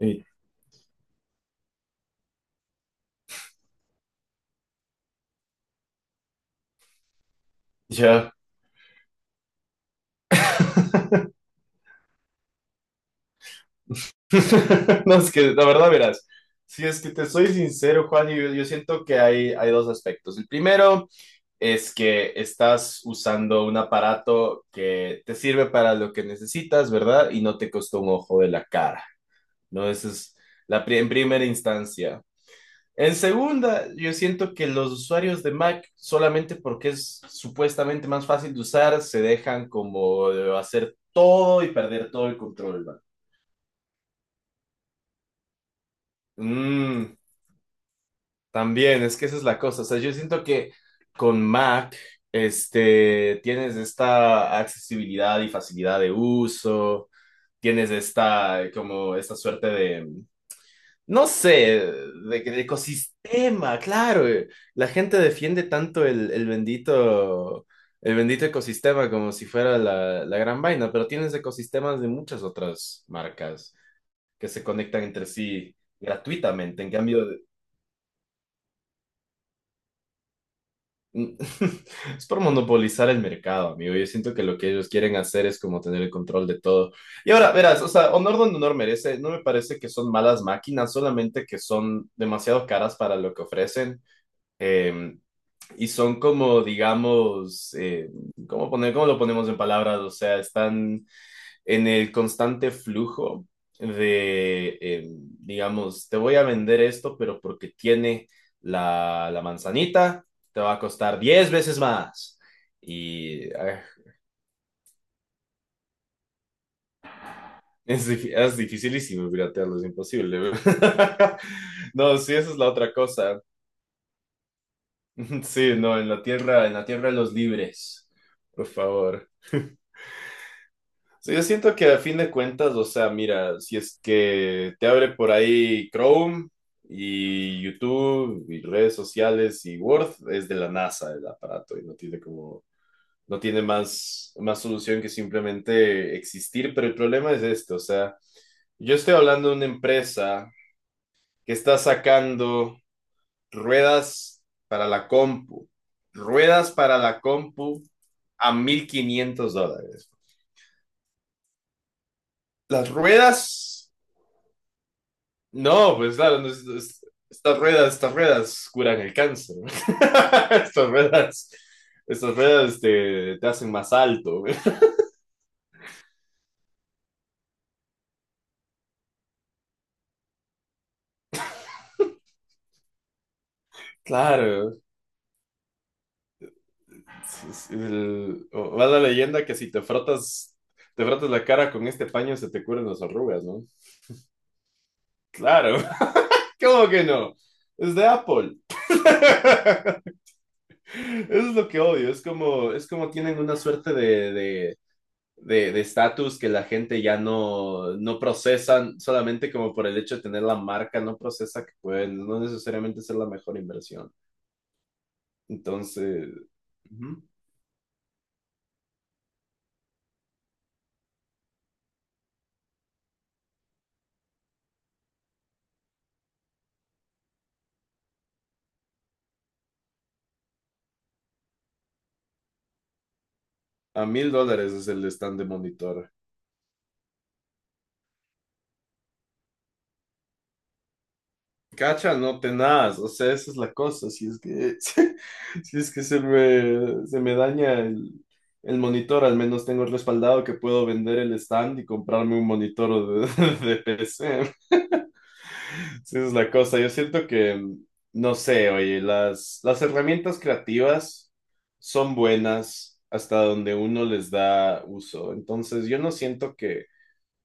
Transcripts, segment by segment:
Y ya. No, es que la verdad, verás, si es que te soy sincero, Juan, yo siento que hay dos aspectos. El primero es que estás usando un aparato que te sirve para lo que necesitas, ¿verdad? Y no te costó un ojo de la cara, ¿no? Esa es en primera instancia. En segunda, yo siento que los usuarios de Mac, solamente porque es supuestamente más fácil de usar, se dejan como hacer todo y perder todo el control. Mm, También, es que esa es la cosa. O sea, yo siento que con Mac, tienes esta accesibilidad y facilidad de uso, tienes esta, como, esta suerte de, no sé, de ecosistema, claro. La gente defiende tanto el bendito, el bendito ecosistema como si fuera la gran vaina, pero tienes ecosistemas de muchas otras marcas que se conectan entre sí gratuitamente. En cambio, Mm, es por monopolizar el mercado, amigo. Yo siento que lo que ellos quieren hacer es como tener el control de todo. Y ahora, verás, o sea, honor donde honor merece. No me parece que son malas máquinas, solamente que son demasiado caras para lo que ofrecen. Eh, y son como, digamos, ¿cómo lo ponemos en palabras? O sea, están en el constante flujo de, digamos, te voy a vender esto, pero porque tiene la manzanita, te va a costar 10 veces más. Y es dificilísimo piratearlo, es imposible. No, sí, esa es la otra cosa. Sí, no, en la tierra de los libres, por favor. Sí, yo siento que a fin de cuentas, o sea, mira, si es que te abre por ahí Chrome y YouTube y redes sociales y Word, es de la NASA el aparato y no tiene como, no tiene más solución que simplemente existir, pero el problema es este, o sea, yo estoy hablando de una empresa que está sacando ruedas para la compu, ruedas para la compu a 1.500 dólares. Las ruedas No, pues claro, no, estas ruedas curan el cáncer. Estas ruedas, estas ruedas te hacen más alto. Claro. Va la leyenda que si te frotas la cara con este paño se te curan las arrugas, ¿no? Claro. ¿Cómo que no? Es de Apple. Eso es lo que odio. Es como tienen una suerte de estatus que la gente ya no procesan solamente como por el hecho de tener la marca, no procesa que pueden no necesariamente ser la mejor inversión. Entonces, ujú, a 1.000 dólares es el stand de monitor. Cacha, no tenaz, o sea, esa es la cosa, si es que, si es que se me daña el monitor, al menos tengo respaldado que puedo vender el stand y comprarme un monitor de, de PC. Sí, esa es la cosa. Yo siento que, no sé, oye, las herramientas creativas son buenas hasta donde uno les da uso. Entonces, yo no siento que,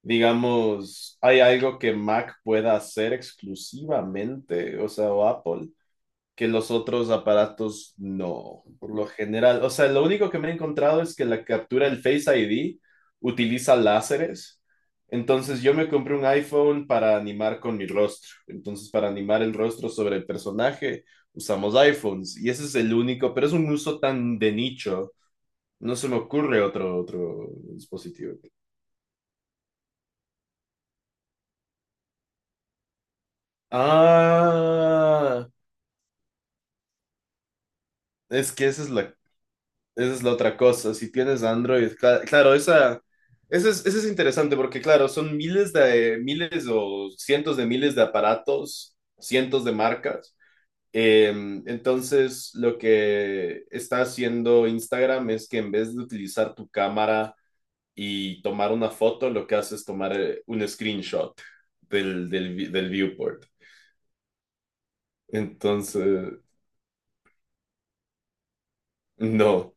digamos, hay algo que Mac pueda hacer exclusivamente, o sea, o Apple, que los otros aparatos no, por lo general. O sea, lo único que me he encontrado es que la captura del Face ID utiliza láseres. Entonces yo me compré un iPhone para animar con mi rostro. Entonces para animar el rostro sobre el personaje usamos iPhones y ese es el único, pero es un uso tan de nicho. No se me ocurre otro dispositivo. Ah, es que esa es la Esa es la otra cosa. Si tienes Android, claro, esa es interesante porque, claro, son miles de miles o cientos de miles de aparatos, cientos de marcas. Eh, entonces, lo que está haciendo Instagram es que en vez de utilizar tu cámara y tomar una foto, lo que hace es tomar un screenshot del viewport. Entonces, no.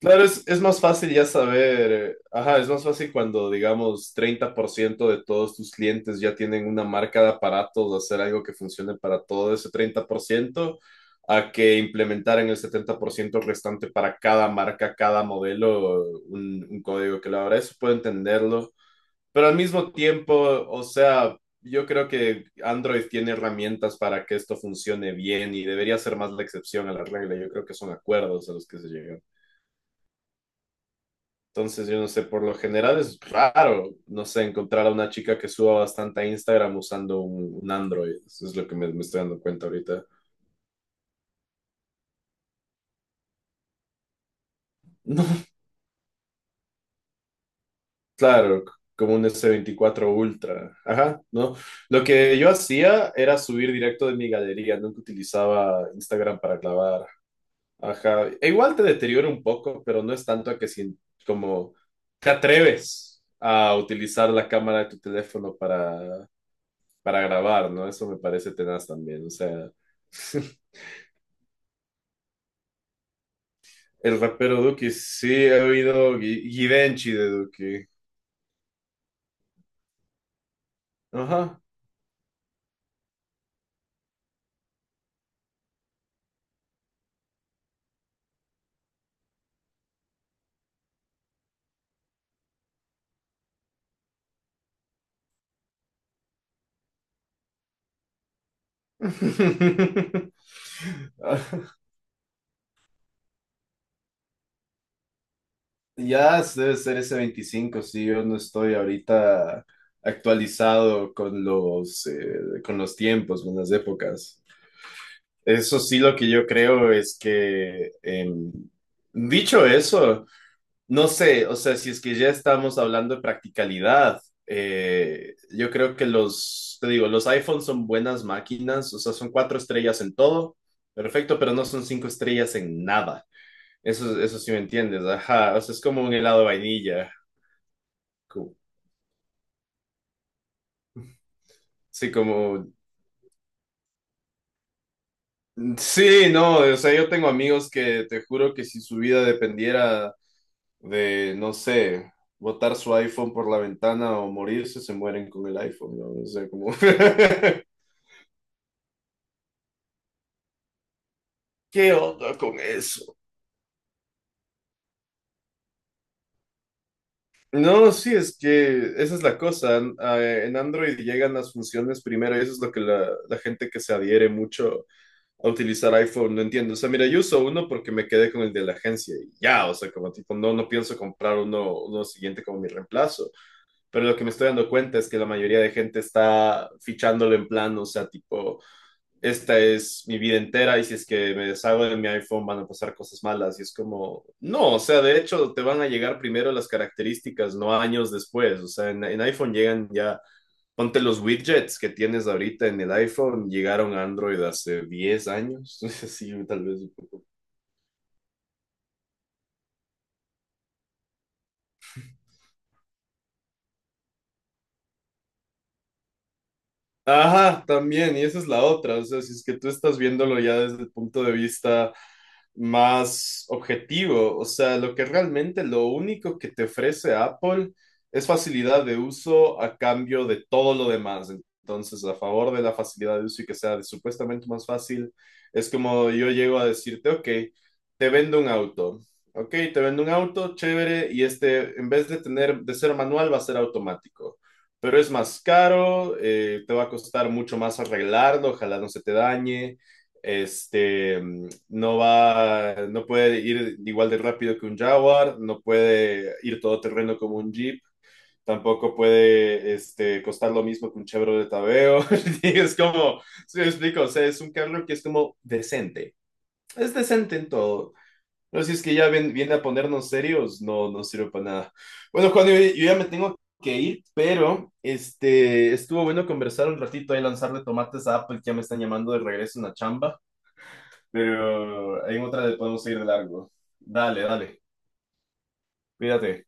Claro, es más fácil ya saber, ajá, es más fácil cuando, digamos, 30% de todos tus clientes ya tienen una marca de aparatos, hacer algo que funcione para todo ese 30%, a que implementar en el 70% restante para cada marca, cada modelo, un código que la verdad eso puedo entenderlo. Pero al mismo tiempo, o sea, yo creo que Android tiene herramientas para que esto funcione bien y debería ser más la excepción a la regla. Yo creo que son acuerdos a los que se llega. Entonces, yo no sé, por lo general es raro, no sé, encontrar a una chica que suba bastante a Instagram usando un Android. Eso es lo que me estoy dando cuenta ahorita. No, claro, como un S24 Ultra. Ajá, ¿no? Lo que yo hacía era subir directo de mi galería, nunca utilizaba Instagram para clavar. Ajá, e igual te deteriora un poco, pero no es tanto a que si, como te atreves a utilizar la cámara de tu teléfono para grabar, ¿no? Eso me parece tenaz también, o sea, el rapero Duki, sí he oído Givenchy de Duki. Ajá. Ya debe ser ese 25, sí, yo no estoy ahorita actualizado con los tiempos, con las épocas. Eso sí, lo que yo creo es que, dicho eso, no sé, o sea, si es que ya estamos hablando de practicalidad, yo creo que los, te digo, los iPhones son buenas máquinas, o sea, son cuatro estrellas en todo, perfecto, pero no son cinco estrellas en nada. Eso sí me entiendes, ajá, o sea, es como un helado de vainilla. co- Sí, como, sí, no, o sea, yo tengo amigos que te juro que si su vida dependiera de, no sé, botar su iPhone por la ventana o morirse, se mueren con el iPhone, ¿no? O sea, como. ¿Qué onda con eso? No, sí, es que esa es la cosa. En Android llegan las funciones primero y eso es lo que la gente que se adhiere mucho a utilizar iPhone no entiende. O sea, mira, yo uso uno porque me quedé con el de la agencia y ya, o sea, como tipo, no pienso comprar uno siguiente como mi reemplazo. Pero lo que me estoy dando cuenta es que la mayoría de gente está fichándolo en plan, o sea, tipo esta es mi vida entera y si es que me deshago de mi iPhone van a pasar cosas malas. Y es como, no, o sea, de hecho te van a llegar primero las características, no años después. O sea, en iPhone llegan ya, ponte los widgets que tienes ahorita en el iPhone, llegaron a Android hace 10 años, sí, tal vez un poco. Ajá, también, y esa es la otra, o sea, si es que tú estás viéndolo ya desde el punto de vista más objetivo, o sea, lo que realmente lo único que te ofrece Apple es facilidad de uso a cambio de todo lo demás. Entonces, a favor de la facilidad de uso y que sea supuestamente más fácil, es como yo llego a decirte, ok, te vendo un auto, ok, te vendo un auto, chévere, y en vez de tener, de ser manual, va a ser automático pero es más caro, te va a costar mucho más arreglarlo, ojalá no se te dañe. No va, no puede ir igual de rápido que un Jaguar, no puede ir todo terreno como un Jeep, tampoco puede costar lo mismo que un Chevrolet Aveo. Es como, si me explico, o sea, es un carro que es como decente. Es decente en todo. No, si es que ya viene a ponernos serios, no, no sirve para nada. Bueno, Juan, yo ya me tengo que ir, pero estuvo bueno conversar un ratito y lanzarle tomates a Apple, que ya me están llamando de regreso en la chamba, pero en otra le podemos seguir de largo. Dale, dale, cuídate.